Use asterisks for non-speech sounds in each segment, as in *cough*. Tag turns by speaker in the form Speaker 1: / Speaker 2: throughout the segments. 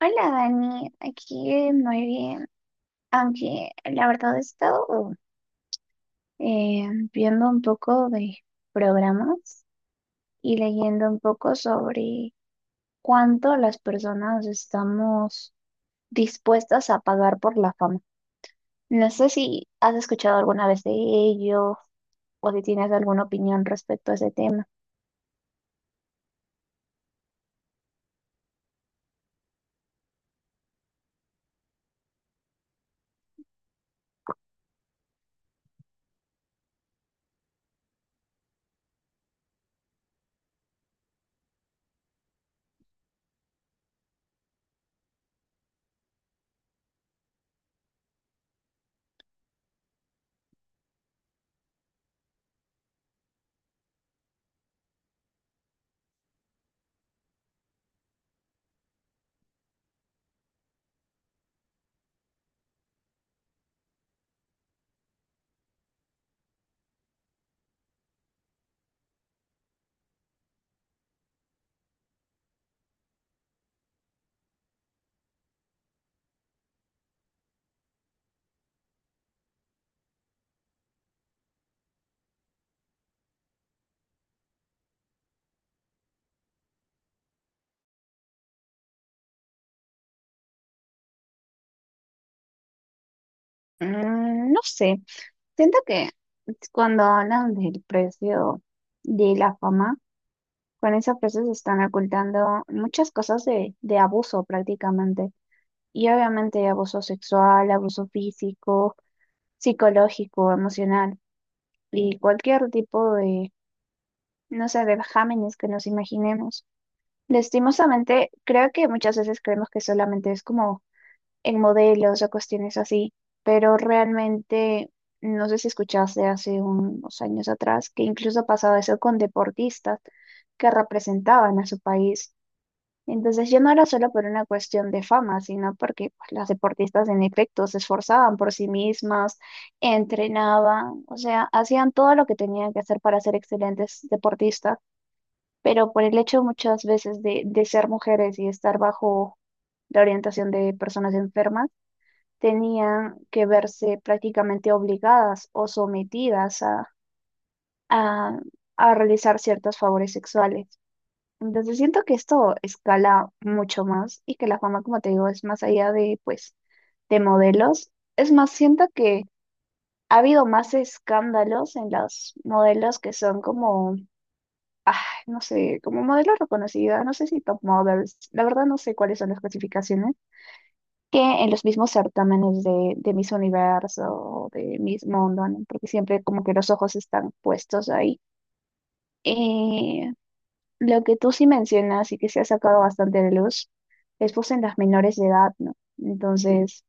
Speaker 1: Hola Dani, aquí muy bien, aunque la verdad he estado eh, viendo un poco de programas y leyendo un poco sobre cuánto las personas estamos dispuestas a pagar por la fama. No sé si has escuchado alguna vez de ello o si tienes alguna opinión respecto a ese tema. Mm, no sé, siento que cuando hablan del precio de la fama, con esa frase se están ocultando muchas cosas de abuso prácticamente. Y obviamente abuso sexual, abuso físico, psicológico, emocional y cualquier tipo de, no sé, de vejámenes que nos imaginemos. Lastimosamente, creo que muchas veces creemos que solamente es como en modelos o cuestiones así, pero realmente, no sé si escuchaste hace unos años atrás que incluso pasaba eso con deportistas que representaban a su país. Entonces ya no era solo por una cuestión de fama, sino porque pues, las deportistas en efecto se esforzaban por sí mismas, entrenaban, o sea, hacían todo lo que tenían que hacer para ser excelentes deportistas, pero por el hecho muchas veces de ser mujeres y estar bajo la orientación de personas enfermas, tenían que verse prácticamente obligadas o sometidas a, a a realizar ciertos favores sexuales. Entonces siento que esto escala mucho más y que la fama, como te digo, es más allá de, pues, de modelos. Es más, siento que ha habido más escándalos en los modelos que son como, ay, no sé, como modelos reconocidos, no sé si top models, la verdad no sé cuáles son las clasificaciones, que en los mismos certámenes de Miss Universo o de Miss Mundo, ¿no? Porque siempre como que los ojos están puestos ahí. Eh, Lo que tú sí mencionas y que se ha sacado bastante de luz es pues en las menores de edad, ¿no? Entonces,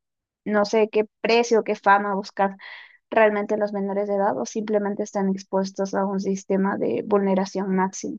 Speaker 1: no sé qué precio, qué fama buscar realmente los menores de edad o simplemente están expuestos a un sistema de vulneración máxima.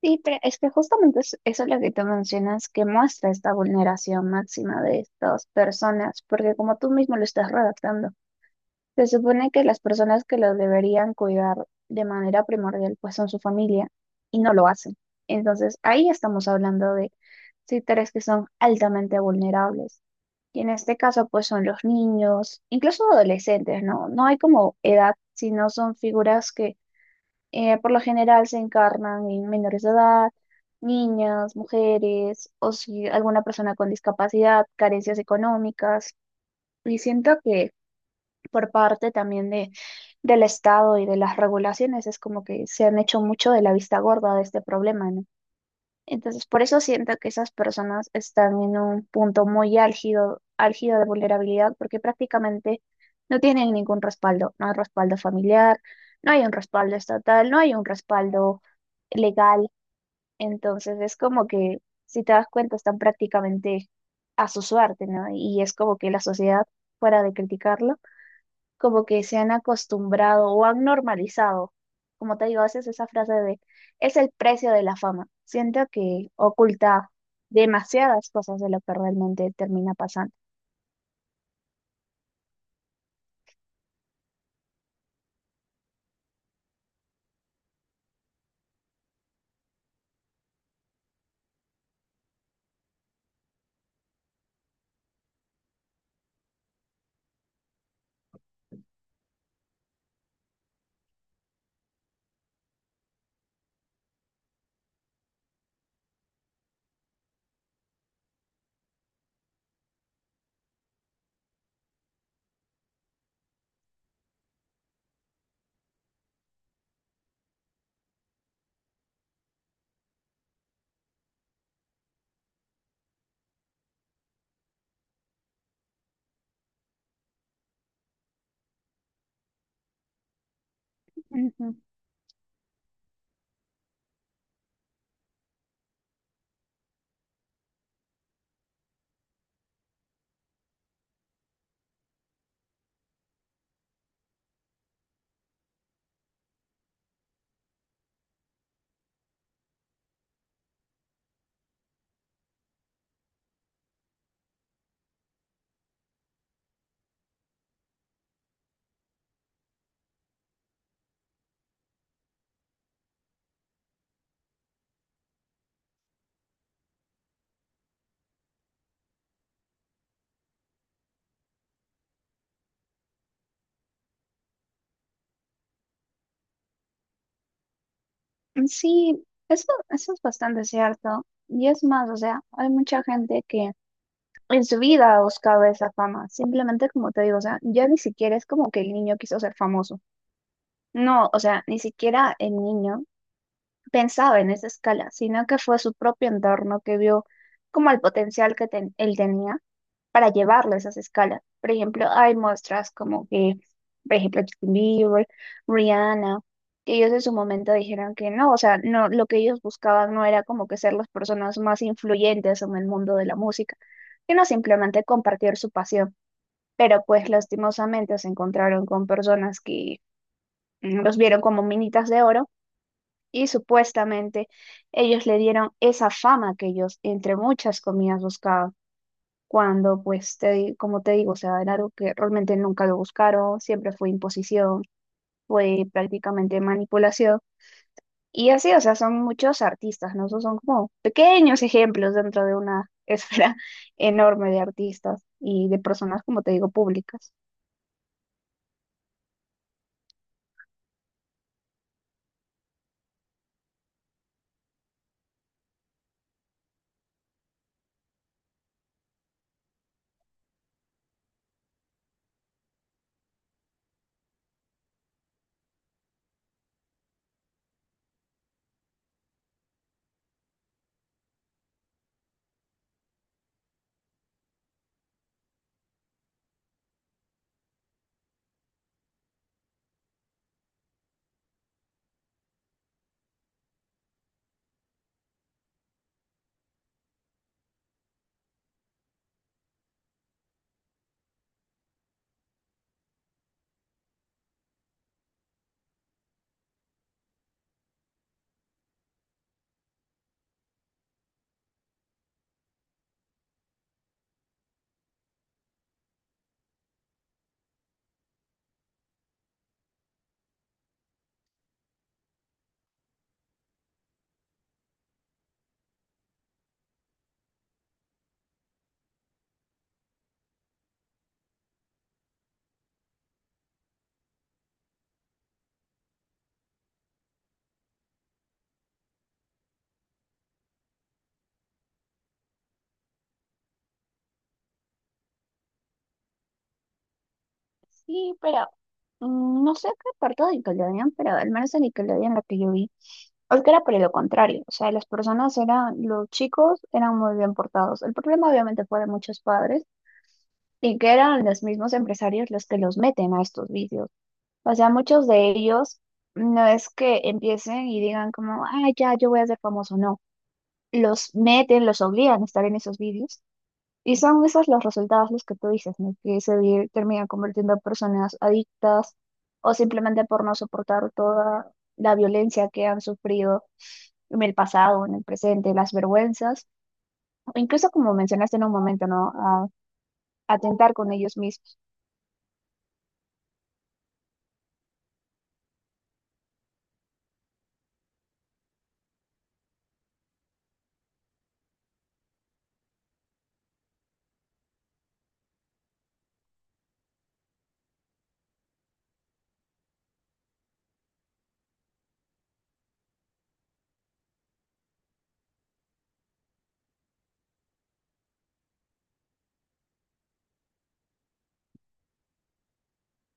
Speaker 1: Sí, pero es que justamente eso es lo que tú mencionas que muestra esta vulneración máxima de estas personas, porque como tú mismo lo estás redactando. Se supone que las personas que los deberían cuidar de manera primordial pues son su familia y no lo hacen. Entonces ahí estamos hablando de sectores que son altamente vulnerables. Y en este caso pues son los niños, incluso adolescentes, ¿no? No hay como edad, sino son figuras que por lo general se encarnan en menores de edad, niñas, mujeres o si alguna persona con discapacidad, carencias económicas. Y siento que por parte también del Estado y de las regulaciones, es como que se han hecho mucho de la vista gorda de este problema, ¿no? Entonces, por eso siento que esas personas están en un punto muy álgido, álgido de vulnerabilidad, porque prácticamente no tienen ningún respaldo, no hay respaldo familiar, no hay un respaldo estatal, no hay un respaldo legal, entonces es como que, si te das cuenta, están prácticamente a su suerte, ¿no? Y es como que la sociedad, fuera de criticarlo, como que se han acostumbrado o han normalizado. Como te digo, a veces esa frase de es el precio de la fama. Siento que oculta demasiadas cosas de lo que realmente termina pasando. Ujú. Sí, eso es bastante cierto. Y es más, o sea, hay mucha gente que en su vida ha buscado esa fama. Simplemente, como te digo, o sea, ya ni siquiera es como que el niño quiso ser famoso. No, o sea, ni siquiera el niño pensaba en esa escala, sino que fue su propio entorno que vio como el potencial que él tenía para llevarlo a esas escalas. Por ejemplo, hay muestras como que, por ejemplo, Justin Bieber, Rihanna, que ellos en su momento dijeron que no, o sea, no, lo que ellos buscaban no era como que ser las personas más influyentes en el mundo de la música, sino simplemente compartir su pasión. Pero pues lastimosamente se encontraron con personas que mm, los vieron como minitas de oro y supuestamente ellos le dieron esa fama que ellos entre muchas comillas buscaban, cuando pues como te digo, o sea, era algo que realmente nunca lo buscaron, siempre fue imposición, fue prácticamente manipulación y así, o sea, son muchos artistas, ¿no? Esos son como pequeños ejemplos dentro de una *laughs* esfera enorme de artistas y de personas, como te digo, públicas. Sí, pero mm, no sé qué parte de Nickelodeon, pero al menos en Nickelodeon la que yo vi es que era por lo contrario, o sea, las personas eran, los chicos eran muy bien portados. El problema obviamente fue de muchos padres y que eran los mismos empresarios los que los meten a estos vicios. O sea, muchos de ellos no es que empiecen y digan como, ah, ya, yo voy a ser famoso, no. Los meten, los obligan a estar en esos vídeos y son esos los resultados los que tú dices, ¿no? Que terminan convirtiendo en personas adictas o simplemente por no soportar toda la violencia que han sufrido en el pasado, en el presente, las vergüenzas, o incluso como mencionaste en un momento, ¿no? A atentar con ellos mismos.